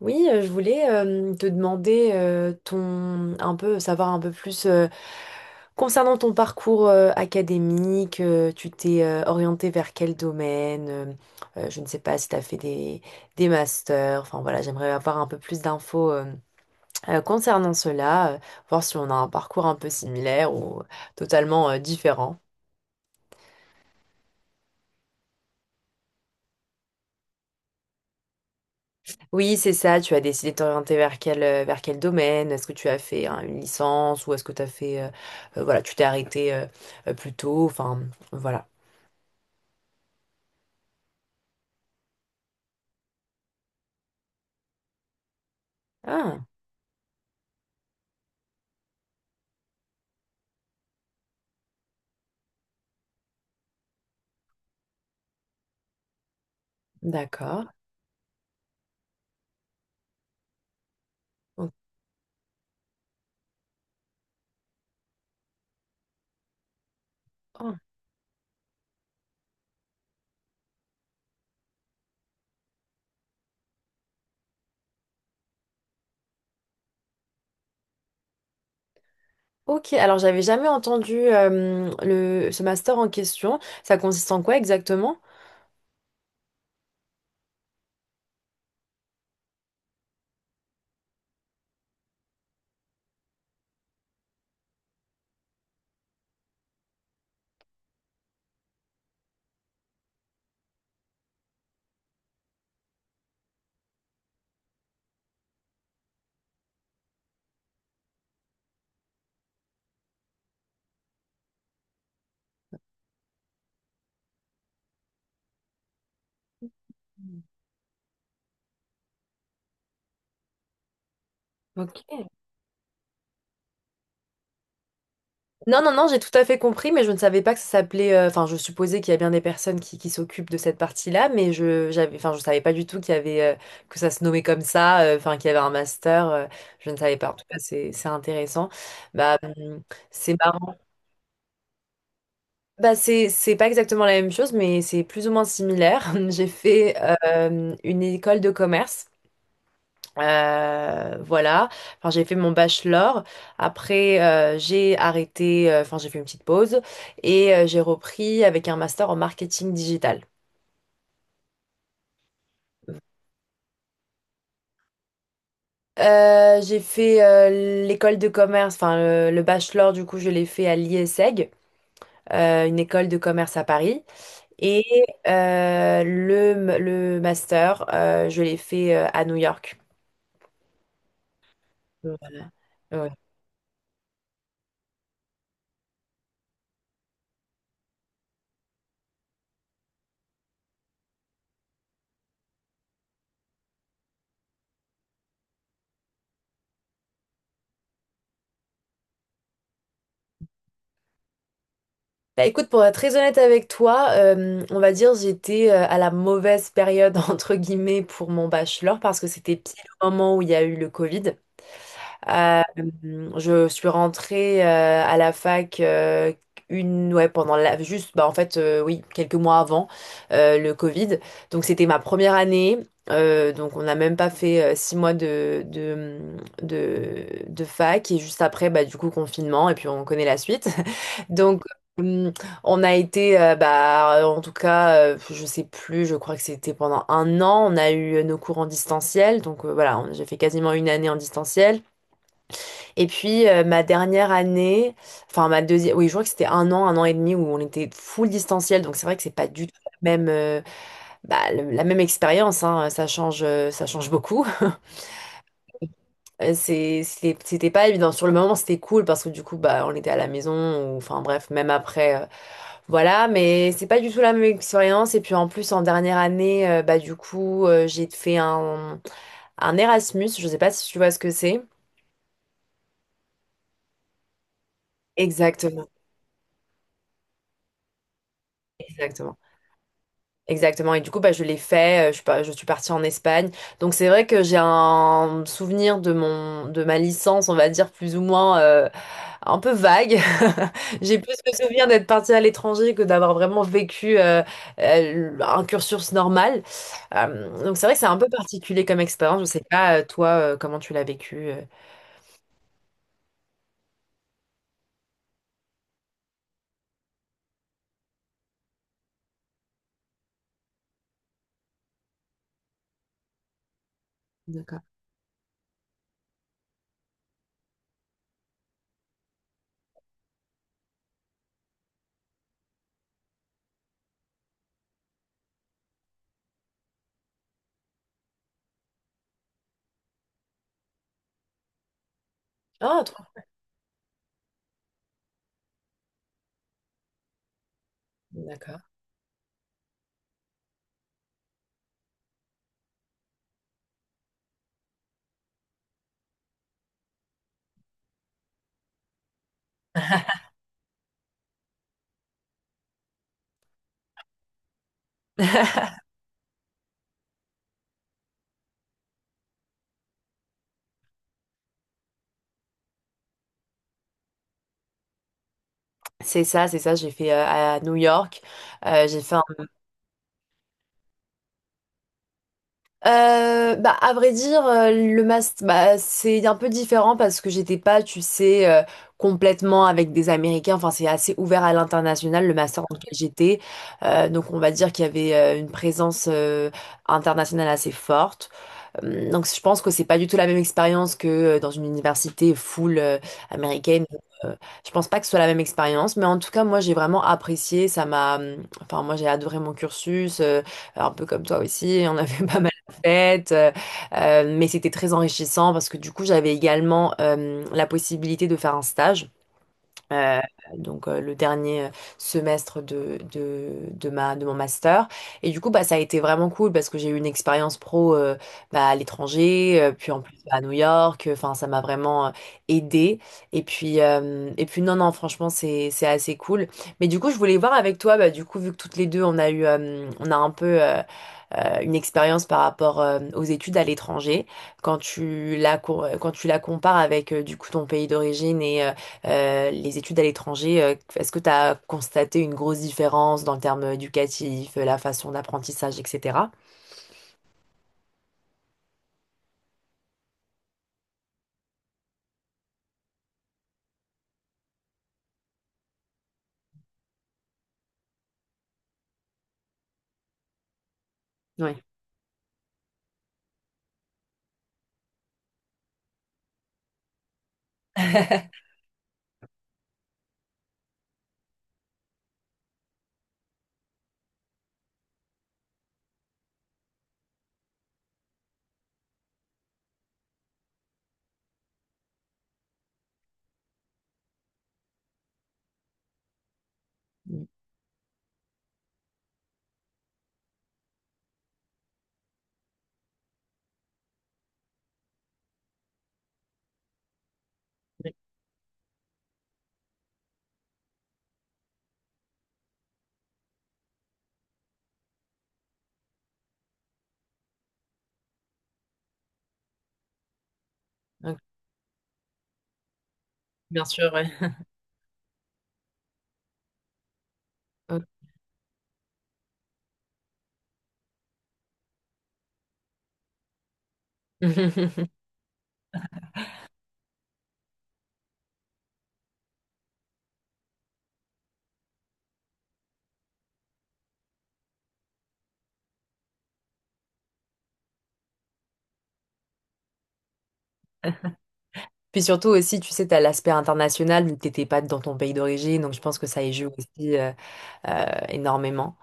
Oui, je voulais te demander ton un peu savoir un peu plus concernant ton parcours académique. Tu t'es orienté vers quel domaine? Je ne sais pas si tu as des masters, enfin voilà, j'aimerais avoir un peu plus d'infos concernant cela, voir si on a un parcours un peu similaire ou totalement différent. Oui, c'est ça. Tu as décidé de t'orienter vers quel, vers quel domaine? Est-ce que tu as fait hein, une licence ou est-ce que tu as fait... voilà, tu t'es arrêté plus tôt. Enfin, voilà. Ah, d'accord. O- ah, Ok, alors j'avais jamais entendu ce master en question. Ça consiste en quoi exactement? Ok. Non, non, non, j'ai tout à fait compris, mais je ne savais pas que ça s'appelait. Enfin, je supposais qu'il y a bien des personnes qui s'occupent de cette partie-là, j'avais, enfin, je savais pas du tout qu'il y avait que ça se nommait comme ça. Enfin, qu'il y avait un master. Je ne savais pas. En tout cas, c'est intéressant. Bah, hum, c'est marrant. Bah, c'est pas exactement la même chose, mais c'est plus ou moins similaire. J'ai fait une école de commerce. Voilà. Enfin, j'ai fait mon bachelor. Après, j'ai arrêté. Enfin, j'ai fait une petite pause et j'ai repris avec un master en marketing digital. J'ai fait l'école de commerce. Enfin, le bachelor, du coup, je l'ai fait à l'IESEG, une école de commerce à Paris. Et le master, je l'ai fait à New York. Voilà. Ouais. Bah écoute, pour être très honnête avec toi, on va dire j'étais à la mauvaise période entre guillemets pour mon bachelor parce que c'était pile au moment où il y a eu le Covid. Euh, je suis rentrée à la fac une ouais pendant la juste bah en fait oui quelques mois avant le Covid. Donc c'était ma première année. Donc on n'a même pas fait six mois de fac et juste après bah du coup confinement et puis on connaît la suite. Donc hum, on a été bah en tout cas je sais plus je crois que c'était pendant un an on a eu nos cours en distanciel donc voilà j'ai fait quasiment une année en distanciel. Et puis ma dernière année, enfin ma deuxième, oui, je crois que c'était un an et demi où on était full distanciel, donc c'est vrai que c'est pas du tout la même, la même expérience, hein, ça change beaucoup. C'était pas évident. Sur le moment, c'était cool parce que du coup, bah, on était à la maison, ou, enfin bref, même après, voilà, mais c'est pas du tout la même expérience. Et puis en plus, en dernière année, bah du coup, un Erasmus, je sais pas si tu vois ce que c'est. Exactement, exactement. Exactement. Et du coup, bah, je l'ai fait. Je suis pas, je suis partie en Espagne. Donc, c'est vrai que j'ai un souvenir de mon, de ma licence, on va dire, plus ou moins, un peu vague. J'ai plus le souvenir d'être partie à l'étranger que d'avoir vraiment vécu, un cursus normal. Donc, c'est vrai que c'est un peu particulier comme expérience. Je sais pas, toi, comment tu l'as vécu. D'accord. Ah, toi. D'accord. C'est ça, c'est ça. J'ai fait à New York. J'ai fait bah, à vrai dire, le master, bah, c'est un peu différent parce que j'étais pas, tu sais, complètement avec des Américains. Enfin, c'est assez ouvert à l'international, le master dans lequel j'étais. Donc, on va dire qu'il y avait une présence internationale assez forte. Donc je pense que c'est pas du tout la même expérience que dans une université full américaine. Euh, Je pense pas que ce soit la même expérience, mais en tout cas moi j'ai vraiment apprécié. Ça m'a, enfin moi j'ai adoré mon cursus, un peu comme toi aussi. On avait pas mal de fêtes, mais c'était très enrichissant parce que du coup j'avais également la possibilité de faire un stage euh, donc le dernier semestre de ma, de mon master. Et du coup, bah, ça a été vraiment cool parce que j'ai eu une expérience pro bah, à l'étranger, puis en plus bah, à New York. Enfin, ça m'a vraiment aidé. Et puis non, non, franchement, c'est assez cool. Mais du coup, je voulais voir avec toi, bah, du coup, vu que toutes les deux, on a eu, on a un peu... une expérience par rapport aux études à l'étranger, quand tu la compares avec du coup ton pays d'origine et les études à l'étranger, est-ce que tu as constaté une grosse différence dans le terme éducatif, la façon d'apprentissage, etc.? Ouais. Mm. Ouais. Bien sûr, ouais. Ok. Puis surtout aussi, tu sais, tu as l'aspect international, tu n'étais pas dans ton pays d'origine, donc je pense que ça y joue aussi énormément.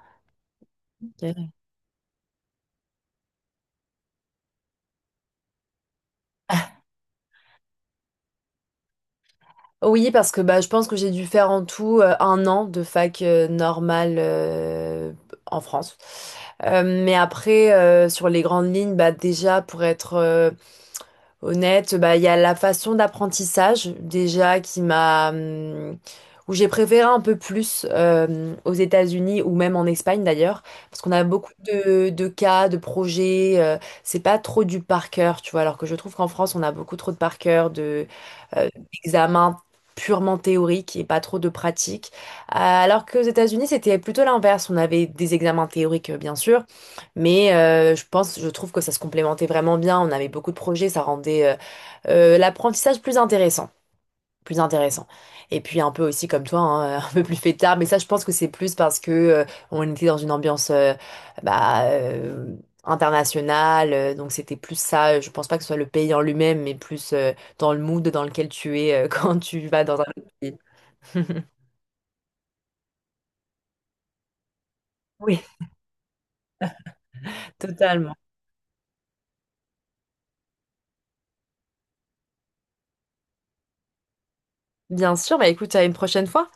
Oui, parce que bah, je pense que j'ai dû faire en tout un an de fac normale en France. Mais après, sur les grandes lignes, bah, déjà pour être honnête, bah, il y a la façon d'apprentissage déjà qui m'a... où j'ai préféré un peu plus aux États-Unis ou même en Espagne d'ailleurs, parce qu'on a beaucoup de cas, de projets, c'est pas trop du par cœur, tu vois, alors que je trouve qu'en France, on a beaucoup trop de par cœur, euh, d'examens purement théoriques et pas trop de pratiques, alors qu'aux États-Unis, c'était plutôt l'inverse, on avait des examens théoriques, bien sûr, mais je pense, je trouve que ça se complémentait vraiment bien. On avait beaucoup de projets, ça rendait l'apprentissage plus plus intéressant. Et puis un peu aussi comme toi, hein, un peu plus fêtard. Mais ça, je pense que c'est plus parce que on était dans une ambiance bah, euh, internationale. Donc c'était plus ça. Je pense pas que ce soit le pays en lui-même, mais plus dans le mood dans lequel tu es quand tu vas dans un autre pays. Oui, totalement. Bien sûr. Bah écoute, à une prochaine fois.